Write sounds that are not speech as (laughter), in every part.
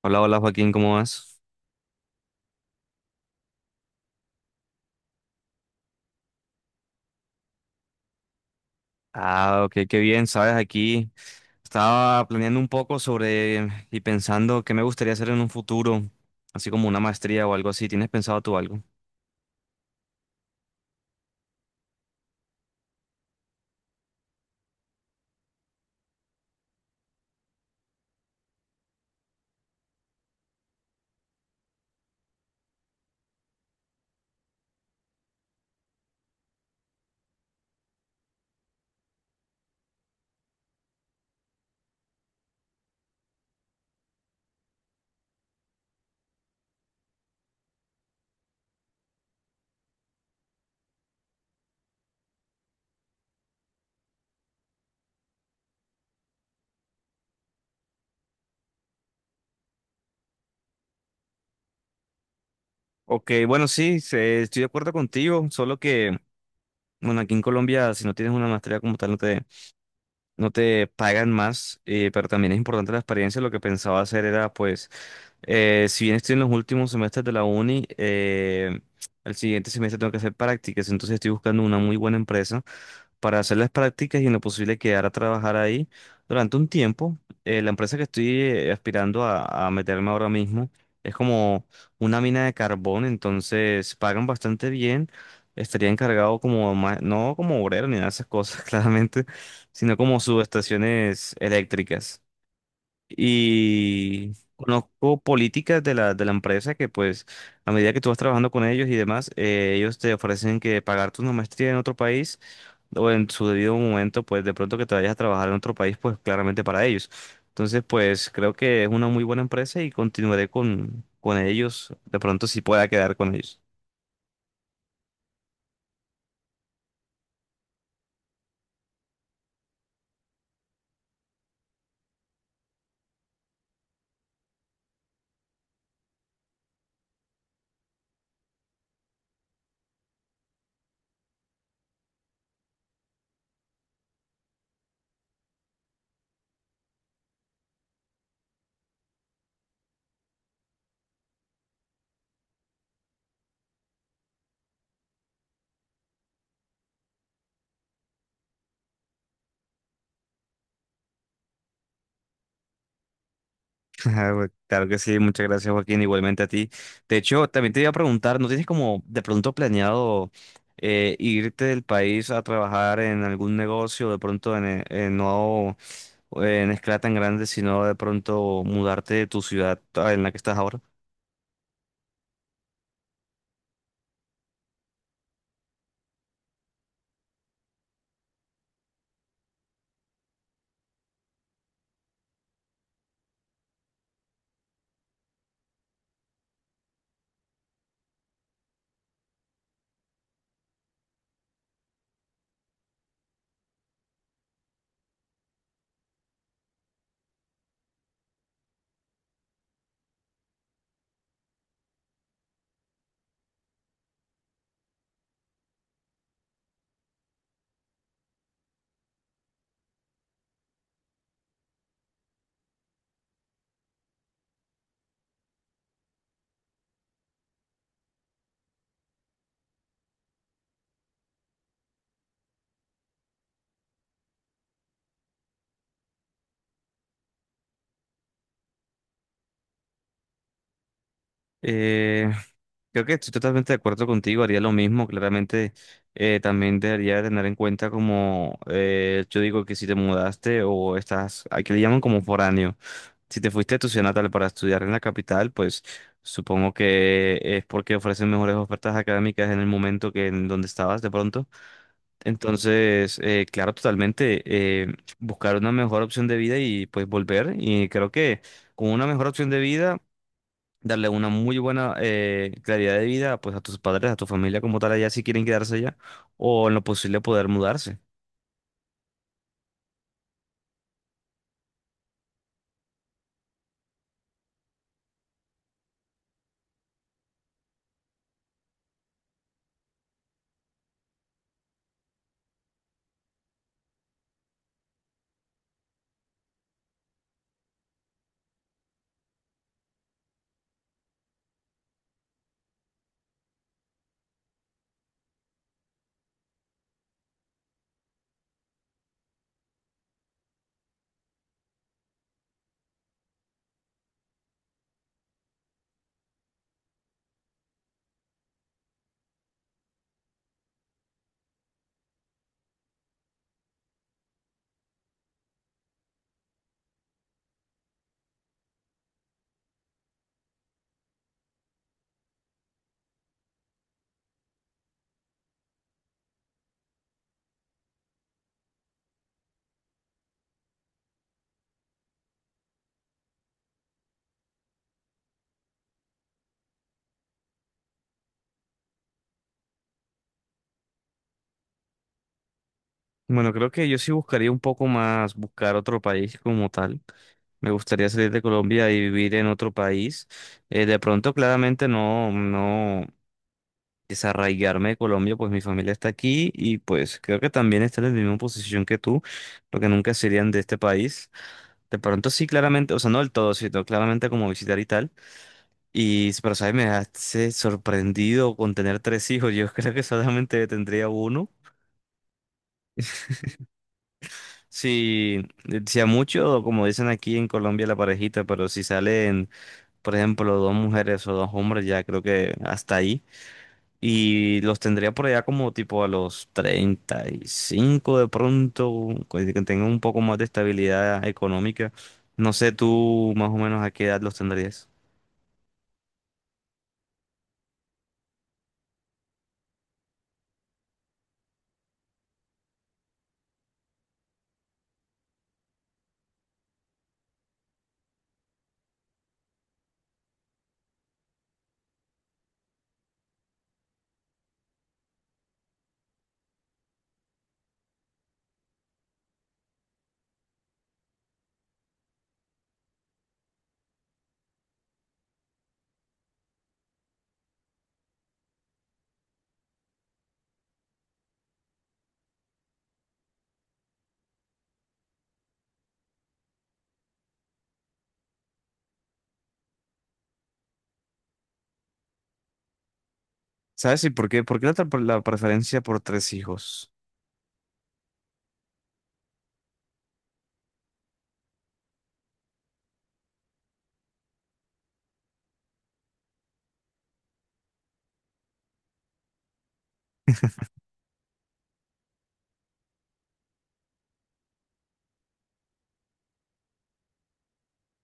Hola, hola Joaquín, ¿cómo vas? Ah, ok, qué bien, sabes, aquí estaba planeando un poco sobre y pensando qué me gustaría hacer en un futuro, así como una maestría o algo así. ¿Tienes pensado tú algo? Ok, bueno, sí, estoy de acuerdo contigo, solo que, bueno, aquí en Colombia, si no tienes una maestría como tal, no te pagan más, pero también es importante la experiencia. Lo que pensaba hacer era, pues, si bien estoy en los últimos semestres de la uni, el siguiente semestre tengo que hacer prácticas, entonces estoy buscando una muy buena empresa para hacer las prácticas y en lo posible quedar a trabajar ahí durante un tiempo. La empresa que estoy aspirando a meterme ahora mismo es como una mina de carbón, entonces pagan bastante bien. Estaría encargado como, no como obrero ni nada de esas cosas, (laughs) claramente, sino como subestaciones eléctricas y conozco políticas de de la empresa que pues a medida que tú vas trabajando con ellos y demás, ellos te ofrecen que pagarte una maestría en otro país o en su debido momento, pues de pronto que te vayas a trabajar en otro país, pues claramente para ellos. Entonces, pues creo que es una muy buena empresa y continuaré con ellos, de pronto si pueda quedar con ellos. Ah, claro que sí, muchas gracias Joaquín, igualmente a ti. De hecho, también te iba a preguntar, ¿no tienes como de pronto planeado irte del país a trabajar en algún negocio, de pronto en no en escala tan grande, sino de pronto mudarte de tu ciudad ah, ¿en la que estás ahora? Creo que estoy totalmente de acuerdo contigo, haría lo mismo, claramente también debería tener en cuenta como yo digo que si te mudaste o estás, aquí le llaman como foráneo, si te fuiste a tu ciudad natal para estudiar en la capital, pues supongo que es porque ofrecen mejores ofertas académicas en el momento que en donde estabas de pronto. Entonces, claro, totalmente, buscar una mejor opción de vida y pues volver y creo que con una mejor opción de vida darle una muy buena calidad de vida pues a tus padres, a tu familia como tal allá si quieren quedarse allá o en lo posible poder mudarse. Bueno, creo que yo sí buscaría un poco más buscar otro país como tal. Me gustaría salir de Colombia y vivir en otro país. De pronto, claramente no, no desarraigarme de Colombia, pues mi familia está aquí y pues creo que también están en la misma posición que tú, porque nunca serían de este país. De pronto sí, claramente, o sea, no del todo, sino claramente como visitar y tal. Y, pero, ¿sabes? Me hace sorprendido con tener tres hijos. Yo (laughs) creo que solamente tendría uno. Si, si a mucho, como dicen aquí en Colombia, la parejita, pero si salen, por ejemplo, dos mujeres o dos hombres, ya creo que hasta ahí. Y los tendría por allá como tipo a los 35 de pronto, que tengan un poco más de estabilidad económica. No sé tú más o menos a qué edad los tendrías. ¿Sabes? ¿Y por qué? ¿Por qué la, la preferencia por tres hijos?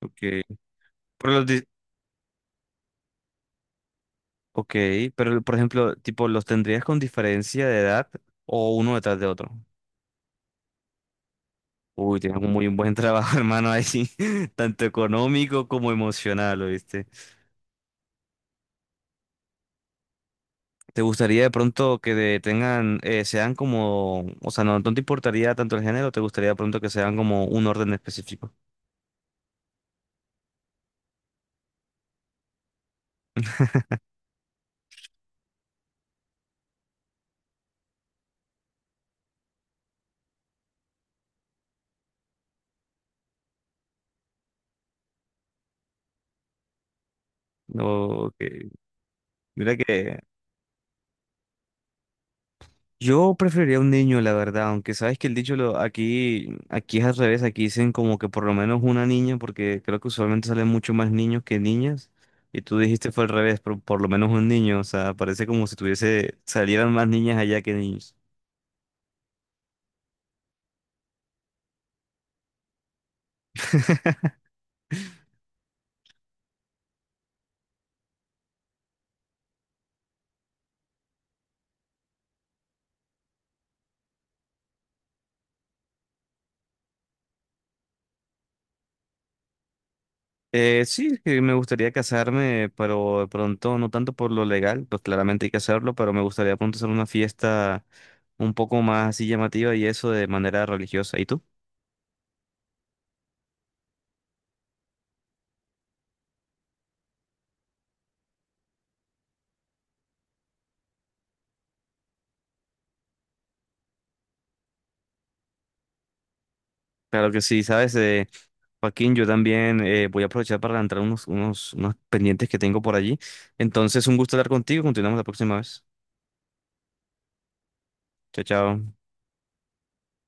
Ok. Pero los di- ok, pero por ejemplo, tipo, ¿los tendrías con diferencia de edad o uno detrás de otro? Uy, tienes un muy buen trabajo, (laughs) hermano, ahí, (laughs) tanto económico como emocional, ¿oíste? ¿Te gustaría de pronto que tengan, sean como, o sea, no, no te importaría tanto el género, te gustaría de pronto que sean como un orden específico? No, que- mira que yo preferiría un niño, la verdad, aunque sabes que el dicho lo, aquí, aquí es al revés, aquí dicen como que por lo menos una niña, porque creo que usualmente salen mucho más niños que niñas, y tú dijiste fue al revés, por lo menos un niño, o sea, parece como si tuviese, salieran más niñas allá que niños. (laughs) Sí, que me gustaría casarme, pero de pronto no tanto por lo legal, pues claramente hay que hacerlo, pero me gustaría de pronto hacer una fiesta un poco más así llamativa y eso de manera religiosa. ¿Y tú? Claro que sí, ¿sabes? Joaquín, yo también voy a aprovechar para entrar unos pendientes que tengo por allí. Entonces, un gusto hablar contigo. Continuamos la próxima vez. Chao, chao.